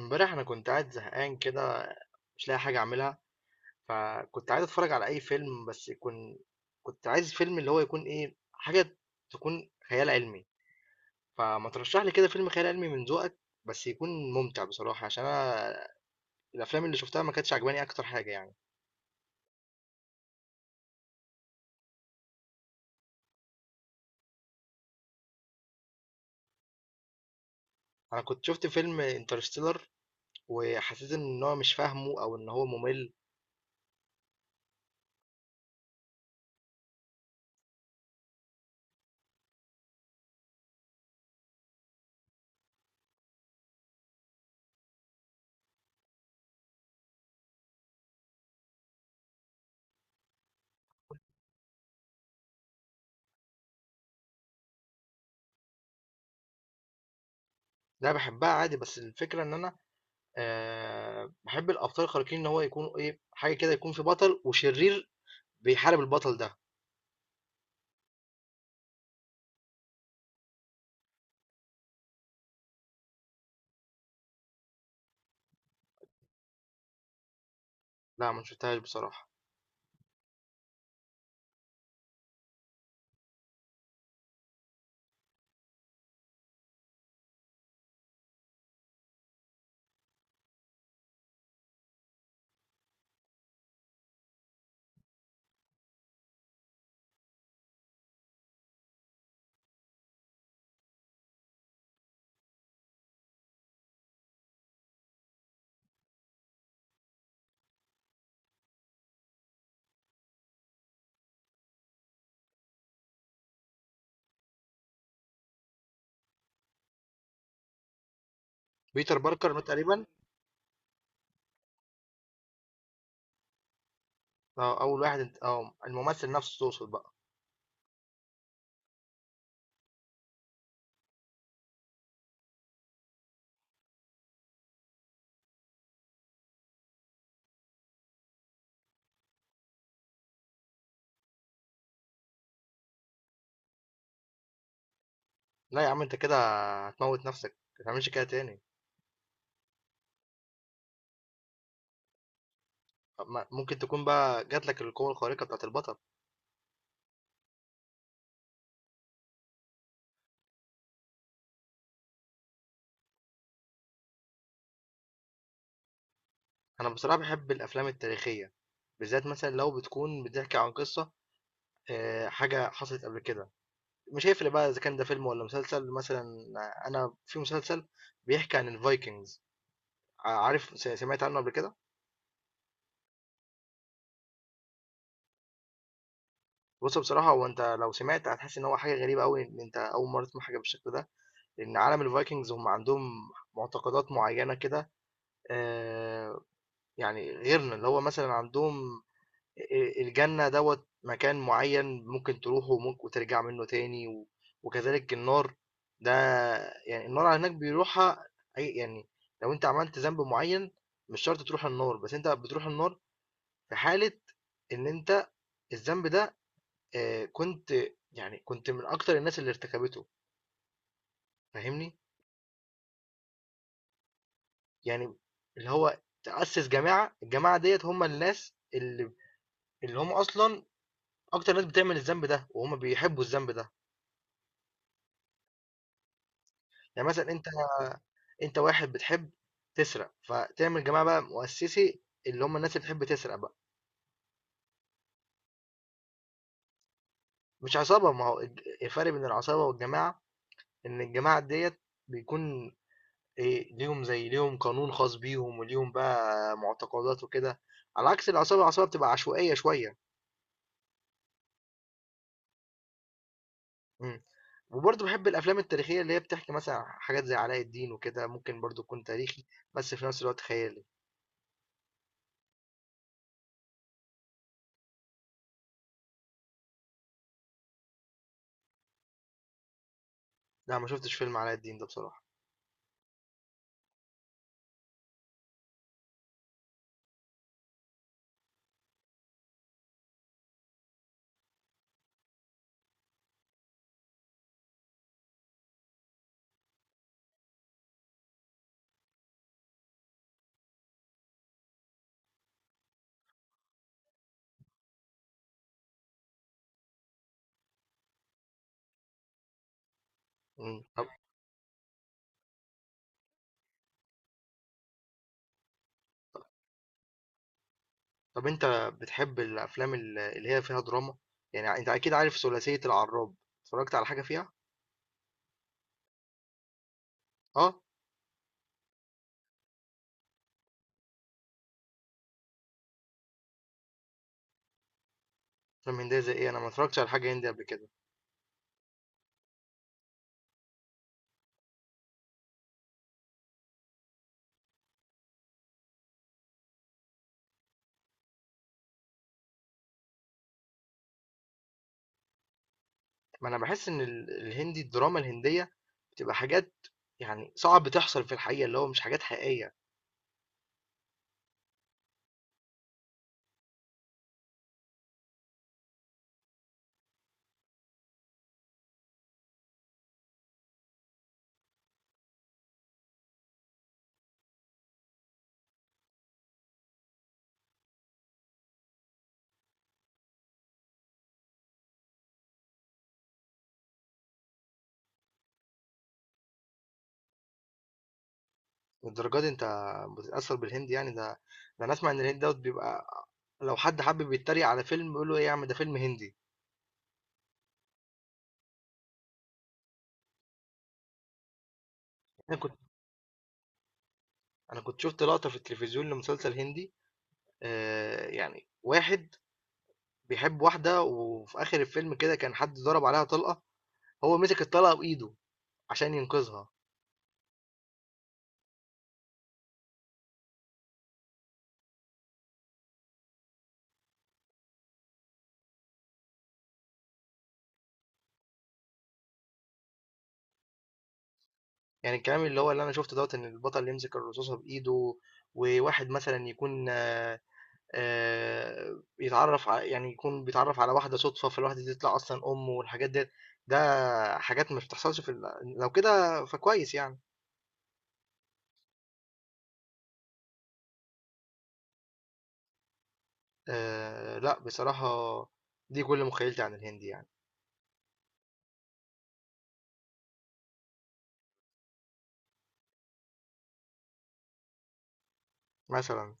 امبارح انا كنت قاعد زهقان كده، مش لاقي حاجه اعملها. فكنت عايز اتفرج على اي فيلم بس يكون كنت عايز فيلم اللي هو يكون ايه حاجه تكون خيال علمي. فما ترشح لي كده فيلم خيال علمي من ذوقك، بس يكون ممتع بصراحه، عشان انا الافلام اللي شفتها ما كانتش عجباني اكتر حاجه يعني. انا كنت شفت فيلم انترستيلر وحسيت ان هو مش فاهمه او ان هو ممل. لا بحبها عادي، بس الفكره ان انا، بحب الابطال الخارقين ان هو يكون ايه حاجه كده، يكون في بطل وشرير بيحارب البطل ده. لأ ما شفتهاش بصراحة. بيتر باركر ده تقريبًا. أول واحد أنت، الممثل نفسه تقصد بقى. لأ يا عم أنت كده هتموّت نفسك، ما تعملش كده تاني. ممكن تكون بقى جات لك القوة الخارقة بتاعة البطل. أنا بصراحة باحب الأفلام التاريخية، بالذات مثلًا لو بتكون بتحكي عن قصة، حاجة حصلت قبل كده، مش هيفرق بقى إذا كان ده فيلم والّا مسلسل. مثلًا أنا في مسلسل بيحكي عن الvikings. عارف، سمعت عنه قبل كده؟ بُص بصراحة هو أنت لو سمعت هتحس إن هو حاجة غريبة أوي، إن أنت أول مرّة تسمع حاجة بالشكل ده. لأن عالم الفايكنجز هم عندهم معتقدات معينة كده، آه، يعني غيرنا اللي هو مثلا عندهم الجنة دوت مكان معين ممكن تروحه وممكن وترجع منه تاني وكذلك النار. ده يعني النار هناك بيروحها. أي يعني لو انت عملت ذنب معين مش شرط تروح النار، بس انت بتروح النار في حالة ان انت الذنب ده، آه، كنت كنت من اكتر الناس اللي ارتكبته، فاهمني؟ يعني اللي هو تأسس جماعة، الجماعة ديت هم الناس اللي اللي هم أصلا أكتر ناس بتعمل الذنب ده وهم بيحبوا الذنب ده. يعني مثلا أنت، أنت واحد بتحب تسرق، فتعمل جماعة بقى مؤسسي اللي هم الناس اللي بتحب تسرق بقى. مش عصابة، ما هو الفرق بين العصابة والجماعة إن الجماعة ديت بيكون إيه ليهم، زي ليهم قانون خاص بيهم وليهم بقى معتقدات وكده، على عكس العصابة. العصابة بتبقى عشوائية شوية. إمم. وبرضه بحب الافلام التاريخيه اللي هي بتحكي مثلا حاجات زي علاء الدين وكده، ممكن برضه يكون تاريخي بس في نفس الوقت خيالي. لا ما شفتش فيلم علاء الدين ده بصراحه. مم. طب انت بتحب الافلام اللي هي فيها دراما، يعني انت اكيد عارف ثلاثيه العراب، اتفرجت على حاجه فيها؟ اه. افلام هنديه زي ايه؟ انا ما اتفرجتش على حاجه هندي قبل كده. ما انا بحس ان الهندي الدراما الهنديه بتبقى حاجات يعني صعب تحصل في الحقيقه، اللي هو مش حاجات حقيقيه للدرجه دي. انت بتتاثر بالهندي يعني؟ ده انا اسمع ان الهند دوت بيبقى لو حد حابب يتريق على فيلم يقول له ايه يا عم ده فيلم هندي. انا كنت انا كنت شفت لقطة في التلفزيون لمسلسل هندي، يعني واحد بيحب واحدة، وفي اخر الفيلم كده كان حد ضرب عليها طلقة، هو مسك الطلقة بايده عشان ينقذها. يعني الكلام اللي هو اللي انا شفته دوت ان البطل يمسك الرصاصة بايده، وواحد مثلا يكون يعني يكون بيتعرف على واحدة صدفة، فالواحدة دي تطلع اصلا امه والحاجات ديت. ده حاجات ما بتحصلش في لو كده فكويس يعني. آه لا بصراحة، دي كل مخيلتي عن الهند يعني. مثلا،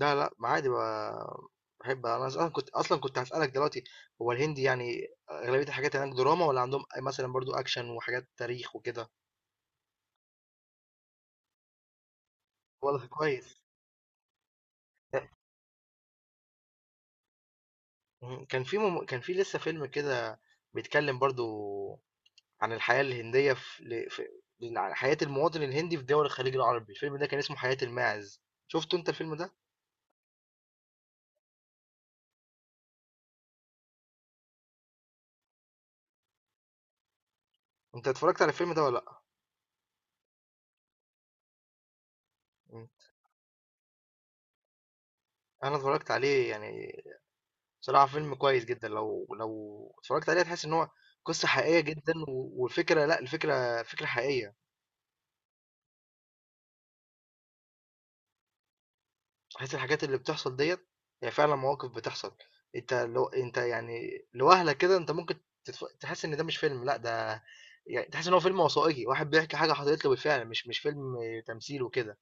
لا لا، ما عادي بقى. بحب، انا اصلا كنت هسألك دلوقتي، هو الهندي يعني اغلبية الحاجات هناك دراما، ولا عندهم مثلا برضو اكشن وحاجات تاريخ وكده؟ والله كويس. مم. كان في لسه فيلم كده بيتكلم برضو عن الحياة الهندية، عن حياة المواطن الهندي في دول الخليج العربي، الفيلم ده كان اسمه حياة الماعز. شفته انت الفيلم ده؟ انت اتفرجت على الفيلم ده ولا لا؟ مم. انا اتفرجت عليه يعني. بصراحة فيلم كويس جدا، لو اتفرجت عليه هتحس ان هو قصة حقيقية جدا و- والفكرة لا الفكرة فكرة حقيقية. تحس الحاجات اللي بتحصل ديت هي فعلا مواقف بتحصل. انت يعني لوهلة كده انت ممكن تحس ان ده مش فيلم، لا ده يعني تحس ان هو فيلم وثائقي، واحد بيحكي حاجة حصلت له بالفعل، مش فيلم تمثيل وكده.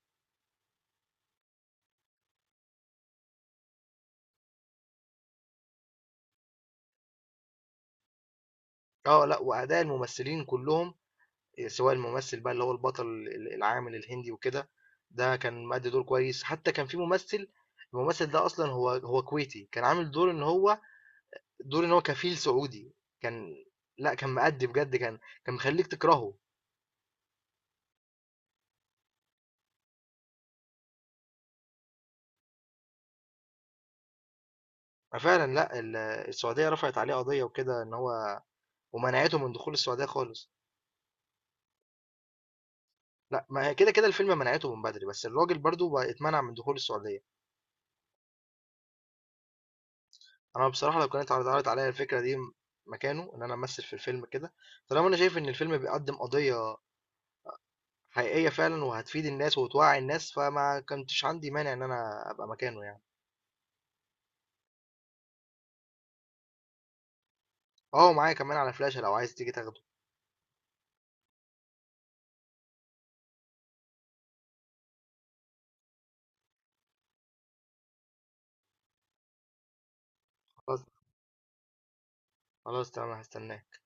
اه لا، وأداء الممثلين كلهم، سواء الممثل بقى اللي هو البطل العامل الهندي وكده، ده كان مأدي دور كويس. حتى كان في ممثل، الممثل ده اصلا هو كويتي، كان عامل دور ان هو دور ان هو كفيل سعودي، كان لا كان مأدي بجد، كان مخليك تكرهه. فعلا لا، السعودية رفعت عليه قضية وكده ان هو ومنعته من دخول السعودية خالص. لا ما هي كده كده الفيلم منعته من بدري، بس الراجل برضو بقى اتمنع من دخول السعودية. انا بصراحه لو كانت اتعرضت عليا الفكره دي مكانه ان انا امثل في الفيلم كده، طالما انا شايف ان الفيلم بيقدم قضيه حقيقيه فعلا وهتفيد الناس وتوعي الناس، فما كنتش عندي مانع ان انا ابقى مكانه يعني. اه معايا كمان على فلاشه، لو عايز تيجي تاخده. خلاص، خلاص تمام، هستناك.